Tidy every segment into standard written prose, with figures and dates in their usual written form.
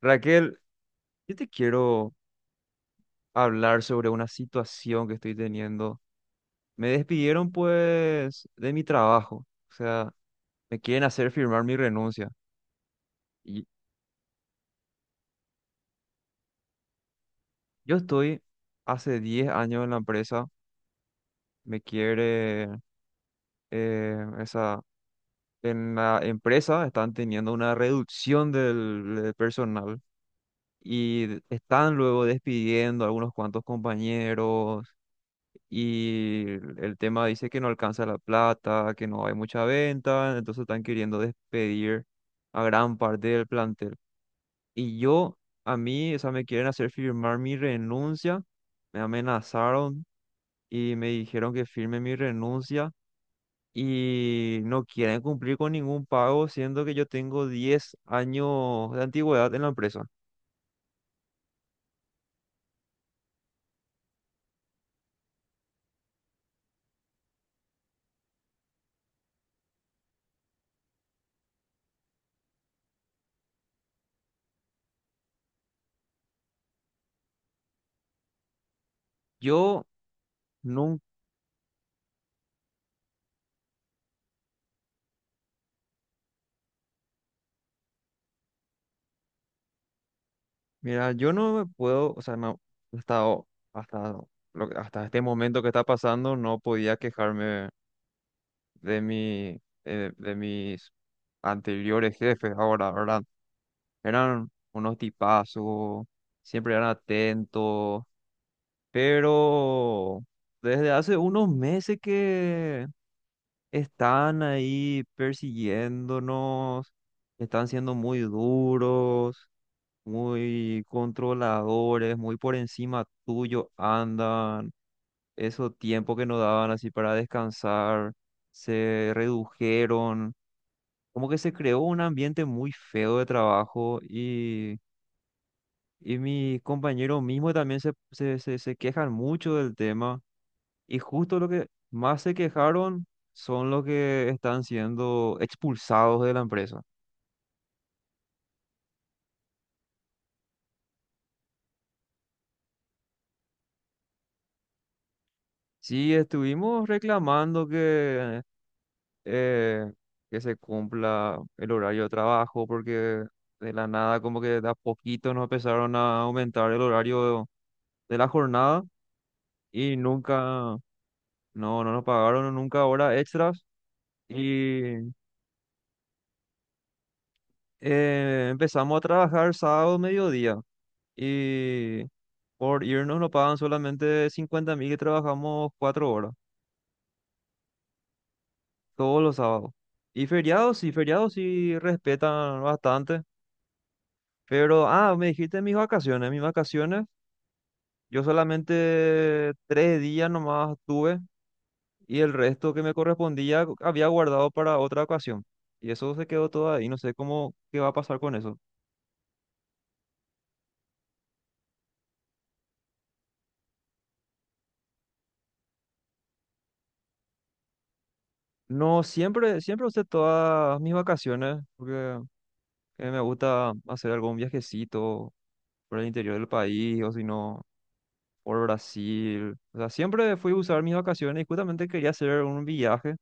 Raquel, yo te quiero hablar sobre una situación que estoy teniendo. Me despidieron pues de mi trabajo, o sea, me quieren hacer firmar mi renuncia. Y yo estoy hace 10 años en la empresa, me quiere esa en la empresa están teniendo una reducción del personal y están luego despidiendo a algunos cuantos compañeros y el tema dice que no alcanza la plata, que no hay mucha venta, entonces están queriendo despedir a gran parte del plantel. Y yo, a mí, o sea, me quieren hacer firmar mi renuncia, me amenazaron y me dijeron que firme mi renuncia y no quieren cumplir con ningún pago, siendo que yo tengo 10 años de antigüedad en la empresa. Yo... nunca. Mira, yo no me puedo, o sea, no, hasta, o- hasta, lo hasta este momento que está pasando, no podía quejarme de mis anteriores jefes ahora, ¿verdad? Eran unos tipazos, siempre eran atentos, pero desde hace unos meses que están ahí persiguiéndonos, están siendo muy duros, muy controladores, muy por encima tuyo andan. Esos tiempos que nos daban así para descansar se redujeron. Como que se creó un ambiente muy feo de trabajo y mis compañeros mismos también se quejan mucho del tema. Y justo lo que más se quejaron son los que están siendo expulsados de la empresa. Sí, estuvimos reclamando eh, que se cumpla el horario de trabajo, porque de la nada, como que de a poquito nos empezaron a aumentar el horario de la jornada y nunca, no nos pagaron nunca horas extras y empezamos a trabajar sábado mediodía y por irnos nos pagan solamente 50.000 y trabajamos 4 horas todos los sábados. Y feriados sí respetan bastante. Pero, ah, me dijiste mis vacaciones. Mis vacaciones... Yo solamente 3 días nomás tuve y el resto que me correspondía había guardado para otra ocasión. Y eso se quedó todo ahí, no sé cómo, qué va a pasar con eso. No, siempre, siempre usé todas mis vacaciones porque me gusta hacer algún viajecito por el interior del país o si no, por Brasil. O sea, siempre fui a usar mis vacaciones y justamente quería hacer un viaje,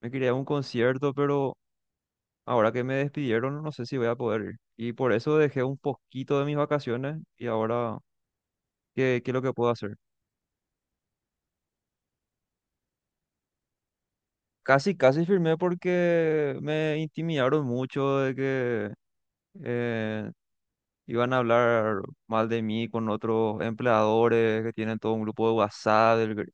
me quería ir a un concierto, pero ahora que me despidieron, no sé si voy a poder ir. Y por eso dejé un poquito de mis vacaciones y ahora, ¿qué, qué es lo que puedo hacer? Casi, casi firmé porque me intimidaron mucho de que eh, iban a hablar mal de mí con otros empleadores que tienen todo un grupo de WhatsApp del gr-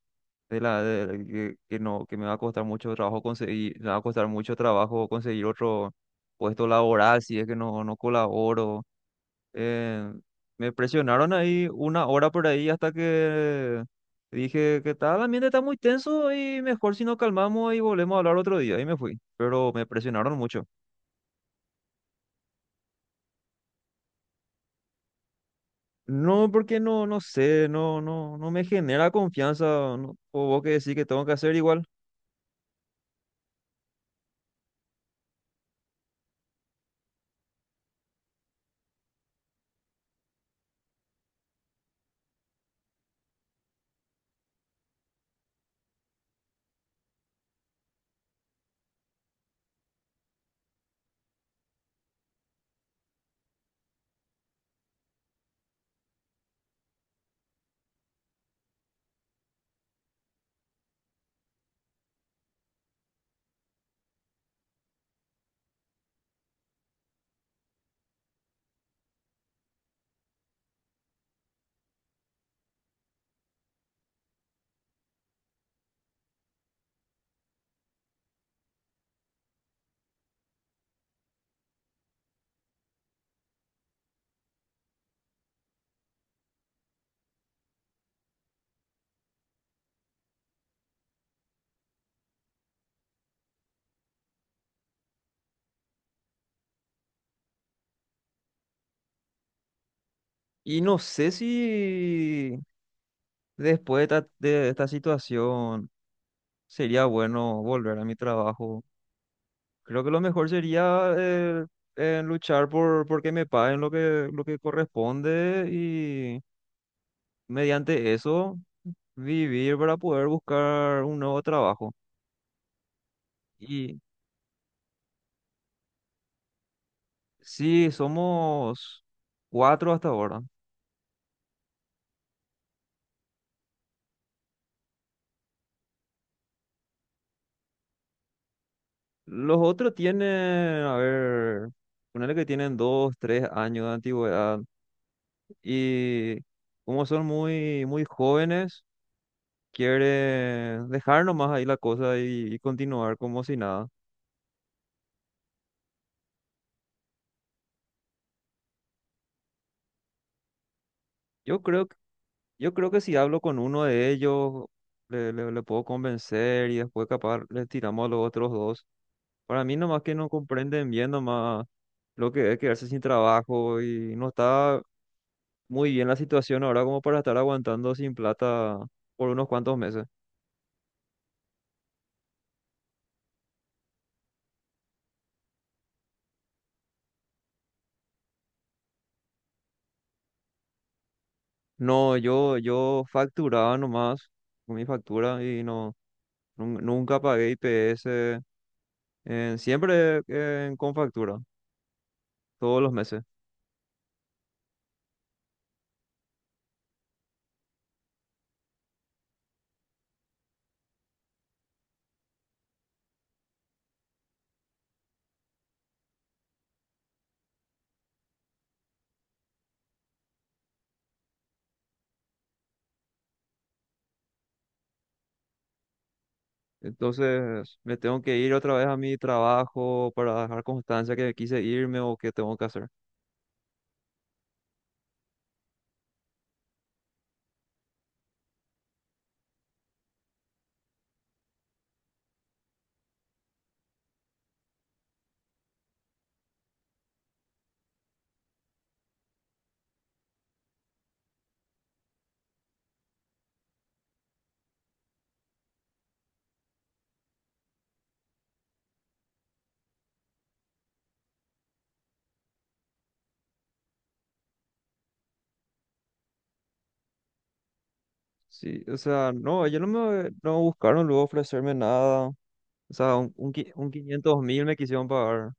de la, de- que no, que me va a costar mucho trabajo conseguir, me va a costar mucho trabajo conseguir otro puesto laboral si es que no, no colaboro. Eh, Me presionaron ahí 1 hora por ahí hasta que dije que tal, el ambiente está muy tenso y mejor si nos calmamos y volvemos a hablar otro día. Y me fui, pero me presionaron mucho. No, porque no, no sé, no me genera confianza, no, o vos que decís que tengo que hacer igual. Y no sé si después de esta situación sería bueno volver a mi trabajo. Creo que lo mejor sería luchar por que me paguen lo que corresponde y mediante eso vivir para poder buscar un nuevo trabajo. Y sí, somos cuatro hasta ahora. Los otros tienen, a ver, ponele que tienen 2, 3 años de antigüedad y como son muy jóvenes, quieren dejar nomás ahí la cosa y continuar como si nada. Yo creo Yo creo que si hablo con uno de ellos, le puedo convencer y después capaz le tiramos a los otros dos. Para mí nomás que no comprenden bien nomás lo que es quedarse sin trabajo y no está muy bien la situación ahora como para estar aguantando sin plata por unos cuantos meses. No, yo facturaba nomás con mi factura y no, nunca pagué IPS, siempre con factura, todos los meses. Entonces me tengo que ir otra vez a mi trabajo para dejar constancia que quise irme o que tengo que hacer. Sí, o sea, no, ellos no me no buscaron luego ofrecerme nada. O sea, un 500.000 me quisieron pagar.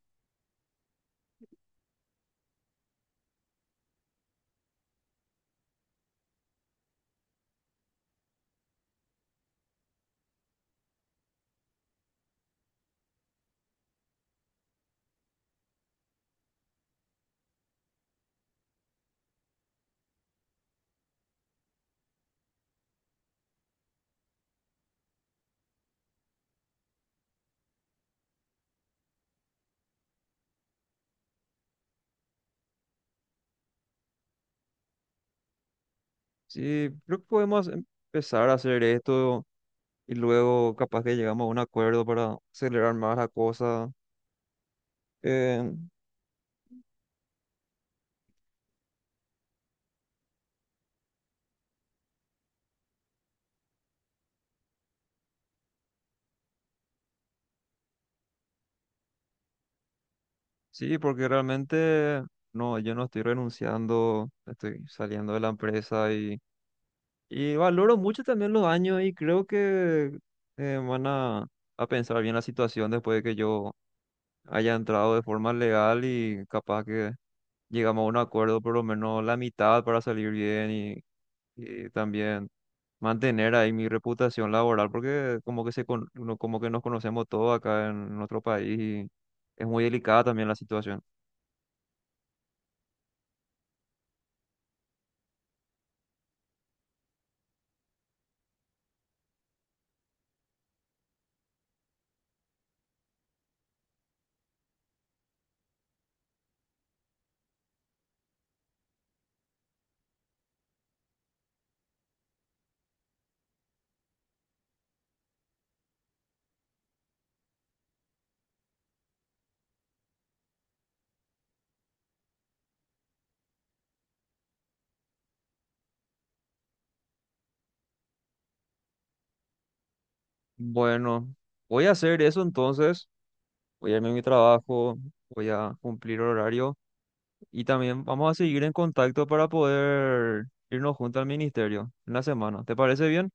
Sí, creo que podemos empezar a hacer esto y luego capaz que llegamos a un acuerdo para acelerar más la cosa. Eh, sí, porque realmente no, yo no estoy renunciando, estoy saliendo de la empresa y... Y valoro mucho también los años y creo que eh, van a, a pensar bien la situación después de que yo haya entrado de forma legal y capaz que llegamos a un acuerdo por lo menos la mitad para salir bien y también mantener ahí mi reputación laboral porque como que se con- no- como que nos conocemos todos acá en nuestro país y es muy delicada también la situación. Bueno, voy a hacer eso entonces, voy a irme a mi trabajo, voy a cumplir horario. Y también vamos a seguir en contacto para poder irnos juntos al ministerio en la semana. ¿Te parece bien?